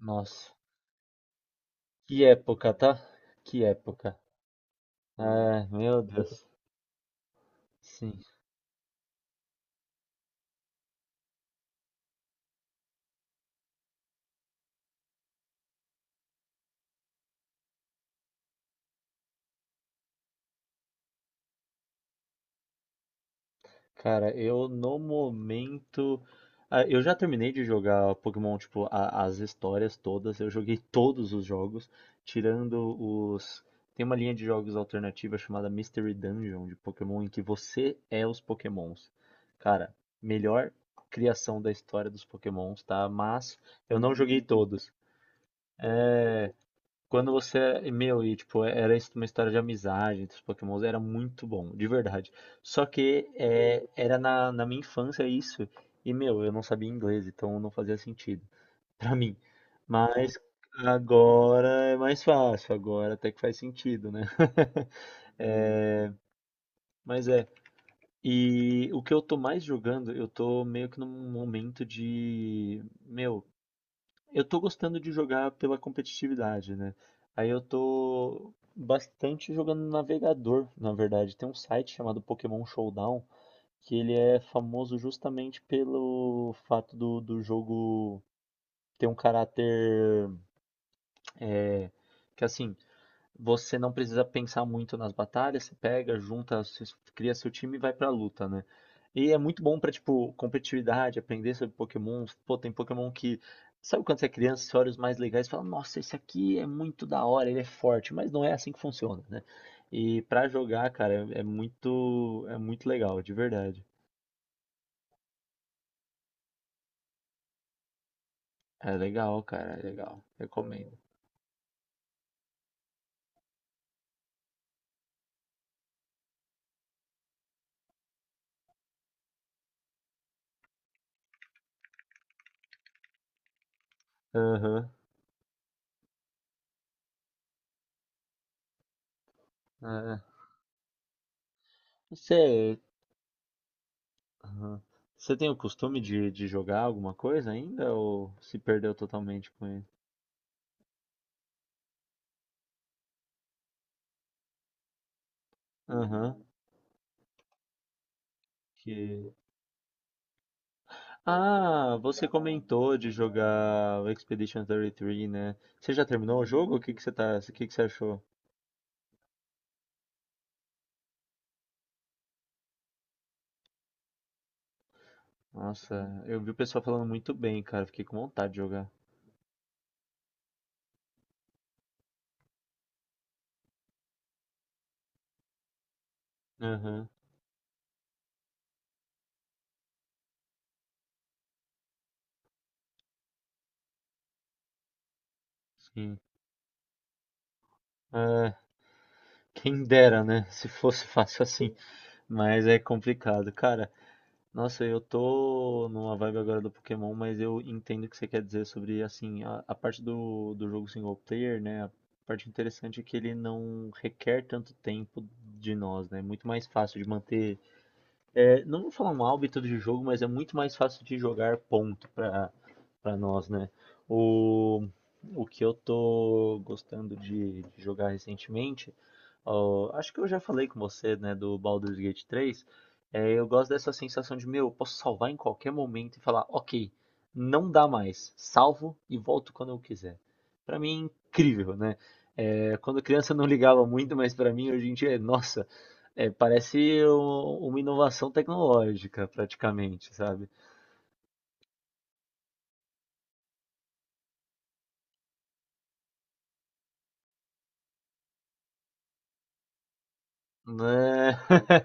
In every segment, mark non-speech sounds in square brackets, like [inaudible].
Nossa, que época, tá? Que época. Ah, meu Deus. Sim. Cara, eu no momento. Ah, eu já terminei de jogar Pokémon, tipo, as histórias todas. Eu joguei todos os jogos, tirando os. Tem uma linha de jogos alternativa chamada Mystery Dungeon de Pokémon, em que você é os Pokémons. Cara, melhor criação da história dos Pokémons, tá? Mas eu não joguei todos. Quando você. Meu, e tipo, era isso uma história de amizade entre os Pokémons, era muito bom, de verdade. Só que era na minha infância isso. E, meu, eu não sabia inglês, então não fazia sentido [laughs] pra mim. Mas agora é mais fácil, agora até que faz sentido, né? [laughs] É, mas é. E o que eu tô mais jogando, eu tô meio que num momento de. Meu, eu tô gostando de jogar pela competitividade, né? Aí eu tô bastante jogando no navegador, na verdade. Tem um site chamado Pokémon Showdown que ele é famoso justamente pelo fato do jogo ter um caráter é, que assim você não precisa pensar muito nas batalhas, você pega, junta, cria seu time e vai pra luta, né? E é muito bom pra, tipo, competitividade, aprender sobre Pokémon. Pô, tem Pokémon que. Sabe quando você é criança, você olha os mais legais e fala, nossa, esse aqui é muito da hora, ele é forte, mas não é assim que funciona, né? E pra jogar, cara, é muito legal, de verdade. É legal, cara, é legal. Recomendo. Aham. É. Você Aham. Você tem o costume de jogar alguma coisa ainda ou se perdeu totalmente com ele? Aham. Que... Ah, você comentou de jogar o Expedition 33, né? Você já terminou o jogo? O que que você achou? Nossa, eu vi o pessoal falando muito bem, cara. Fiquei com vontade de jogar. Aham, sim. É, quem dera, né? Se fosse [laughs] fácil assim. Mas é complicado, cara. Nossa, eu tô numa vibe agora do Pokémon, mas eu entendo o que você quer dizer sobre, assim, a parte do jogo single player, né? A parte interessante é que ele não requer tanto tempo de nós, né? É muito mais fácil de manter não vou falar um hábito de jogo, mas é muito mais fácil de jogar ponto para nós, né? O, o que eu tô gostando de jogar recentemente, ó, acho que eu já falei com você, né, do Baldur's Gate 3. É, eu gosto dessa sensação de, meu, eu posso salvar em qualquer momento e falar, ok, não dá mais, salvo e volto quando eu quiser. Pra mim é incrível, né? É, quando criança eu não ligava muito, mas pra mim hoje em dia é, nossa, parece uma inovação tecnológica, praticamente, sabe? Né? [laughs]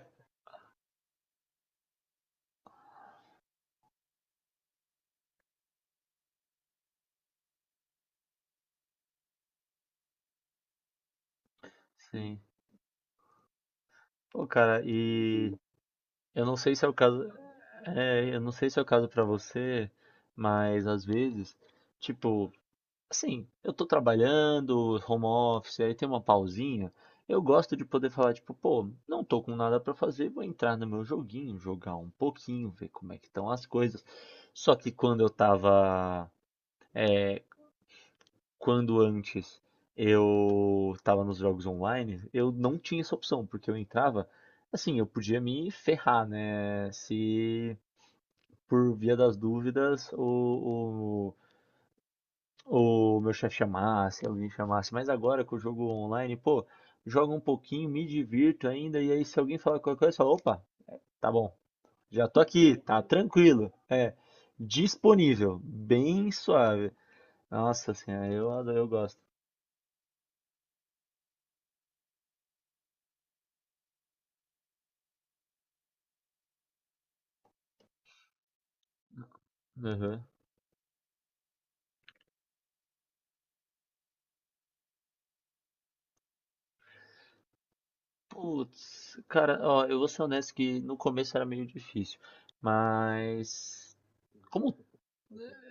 Sim. Pô, cara, e eu não sei se é o caso, eu não sei se é o caso pra você, mas às vezes, tipo, assim, eu tô trabalhando, home office, aí tem uma pausinha, eu gosto de poder falar, tipo, pô, não tô com nada pra fazer, vou entrar no meu joguinho, jogar um pouquinho, ver como é que estão as coisas. Só que quando antes eu estava nos jogos online, eu não tinha essa opção, porque eu entrava, assim, eu podia me ferrar, né? Se por via das dúvidas o meu chefe chamasse, alguém chamasse. Mas agora que eu jogo online, pô, jogo um pouquinho, me divirto ainda, e aí se alguém falar qualquer coisa, eu falo, opa, tá bom, já tô aqui, tá tranquilo. É, disponível, bem suave. Nossa senhora, eu, adoro, eu gosto. Uhum. Putz, cara, ó, eu vou ser honesto que no começo era meio difícil, mas como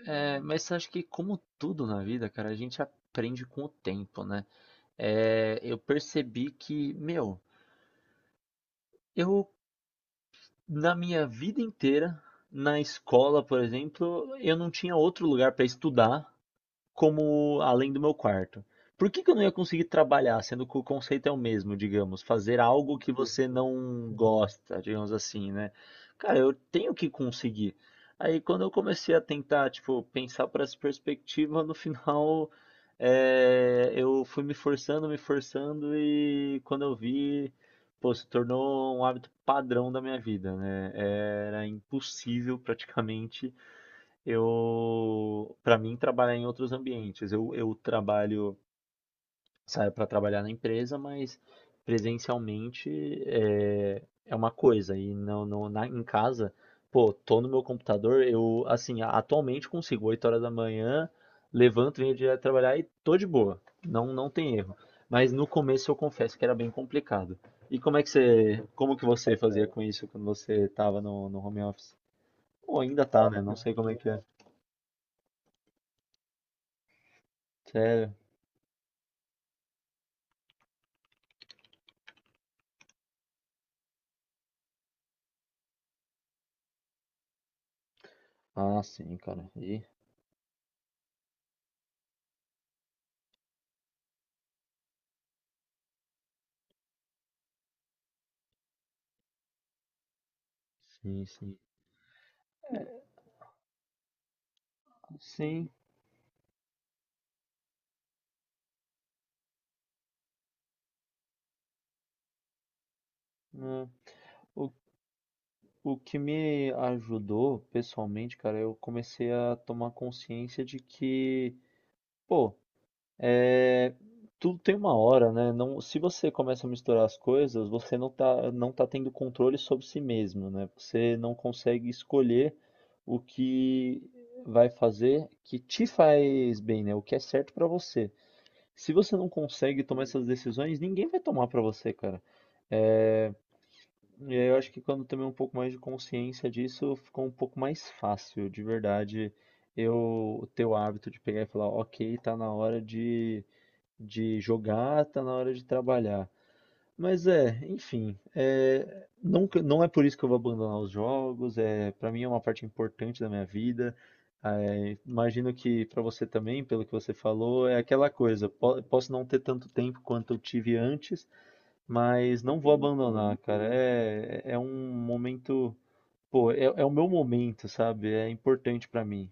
mas acho que como tudo na vida, cara, a gente aprende com o tempo, né? É, eu percebi que, meu, eu na minha vida inteira, na escola, por exemplo, eu não tinha outro lugar pra estudar como além do meu quarto. Por que que eu não ia conseguir trabalhar, sendo que o conceito é o mesmo, digamos, fazer algo que você não gosta, digamos assim, né? Cara, eu tenho que conseguir. Aí quando eu comecei a tentar, tipo, pensar por essa perspectiva, no [laughs] final eu fui me forçando e quando eu vi, pô, se tornou um hábito padrão da minha vida, né? Era impossível praticamente para mim, trabalhar em outros ambientes. Eu trabalho, saio para trabalhar na empresa, mas presencialmente é uma coisa. E não, não, em casa, pô, tô no meu computador, eu, assim, atualmente consigo, 8 horas da manhã, levanto, venho direto trabalhar e tô de boa. Não, não tem erro. Mas no começo eu confesso que era bem complicado. E como que você fazia com isso quando você tava no home office? Ou ainda tá, né? Não sei como é que é. Sério. Ah, sim, cara. E sim, sim. Sim, né? O, o que me ajudou pessoalmente, cara, eu comecei a tomar consciência de que, pô, é, tudo tem uma hora, né? Não, se você começa a misturar as coisas, você não tá, não tá tendo controle sobre si mesmo, né? Você não consegue escolher o que vai fazer que te faz bem, né? O que é certo pra você. Se você não consegue tomar essas decisões, ninguém vai tomar pra você, cara. É, e aí eu acho que quando eu tomei um pouco mais de consciência disso, ficou um pouco mais fácil, de verdade, eu ter o hábito de pegar e falar, ok, tá na hora de jogar, tá na hora de trabalhar. Mas é, enfim, não, não é por isso que eu vou abandonar os jogos, para mim é uma parte importante da minha vida. É, imagino que para você também, pelo que você falou, é aquela coisa, posso não ter tanto tempo quanto eu tive antes, mas não vou abandonar, cara. É, um momento, pô, é é o meu momento, sabe? É importante para mim.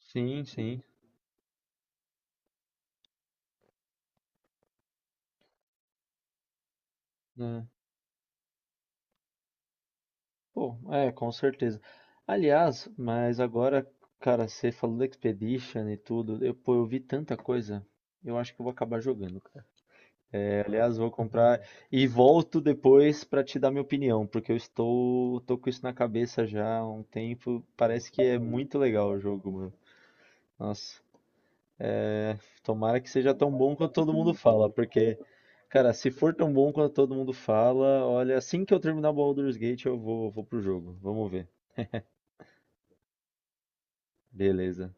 Sim, sim. Pô, com certeza. Aliás, mas agora, cara, você falou da Expedition e tudo, eu, pô, eu vi tanta coisa, eu acho que eu vou acabar jogando, cara. É, aliás, vou comprar e volto depois pra te dar minha opinião, porque tô com isso na cabeça já há um tempo, parece que é muito legal o jogo, mano. Nossa, tomara que seja tão bom quanto todo mundo fala, porque, cara, se for tão bom quanto todo mundo fala, olha, assim que eu terminar o Baldur's Gate, eu vou pro jogo, vamos ver. Beleza.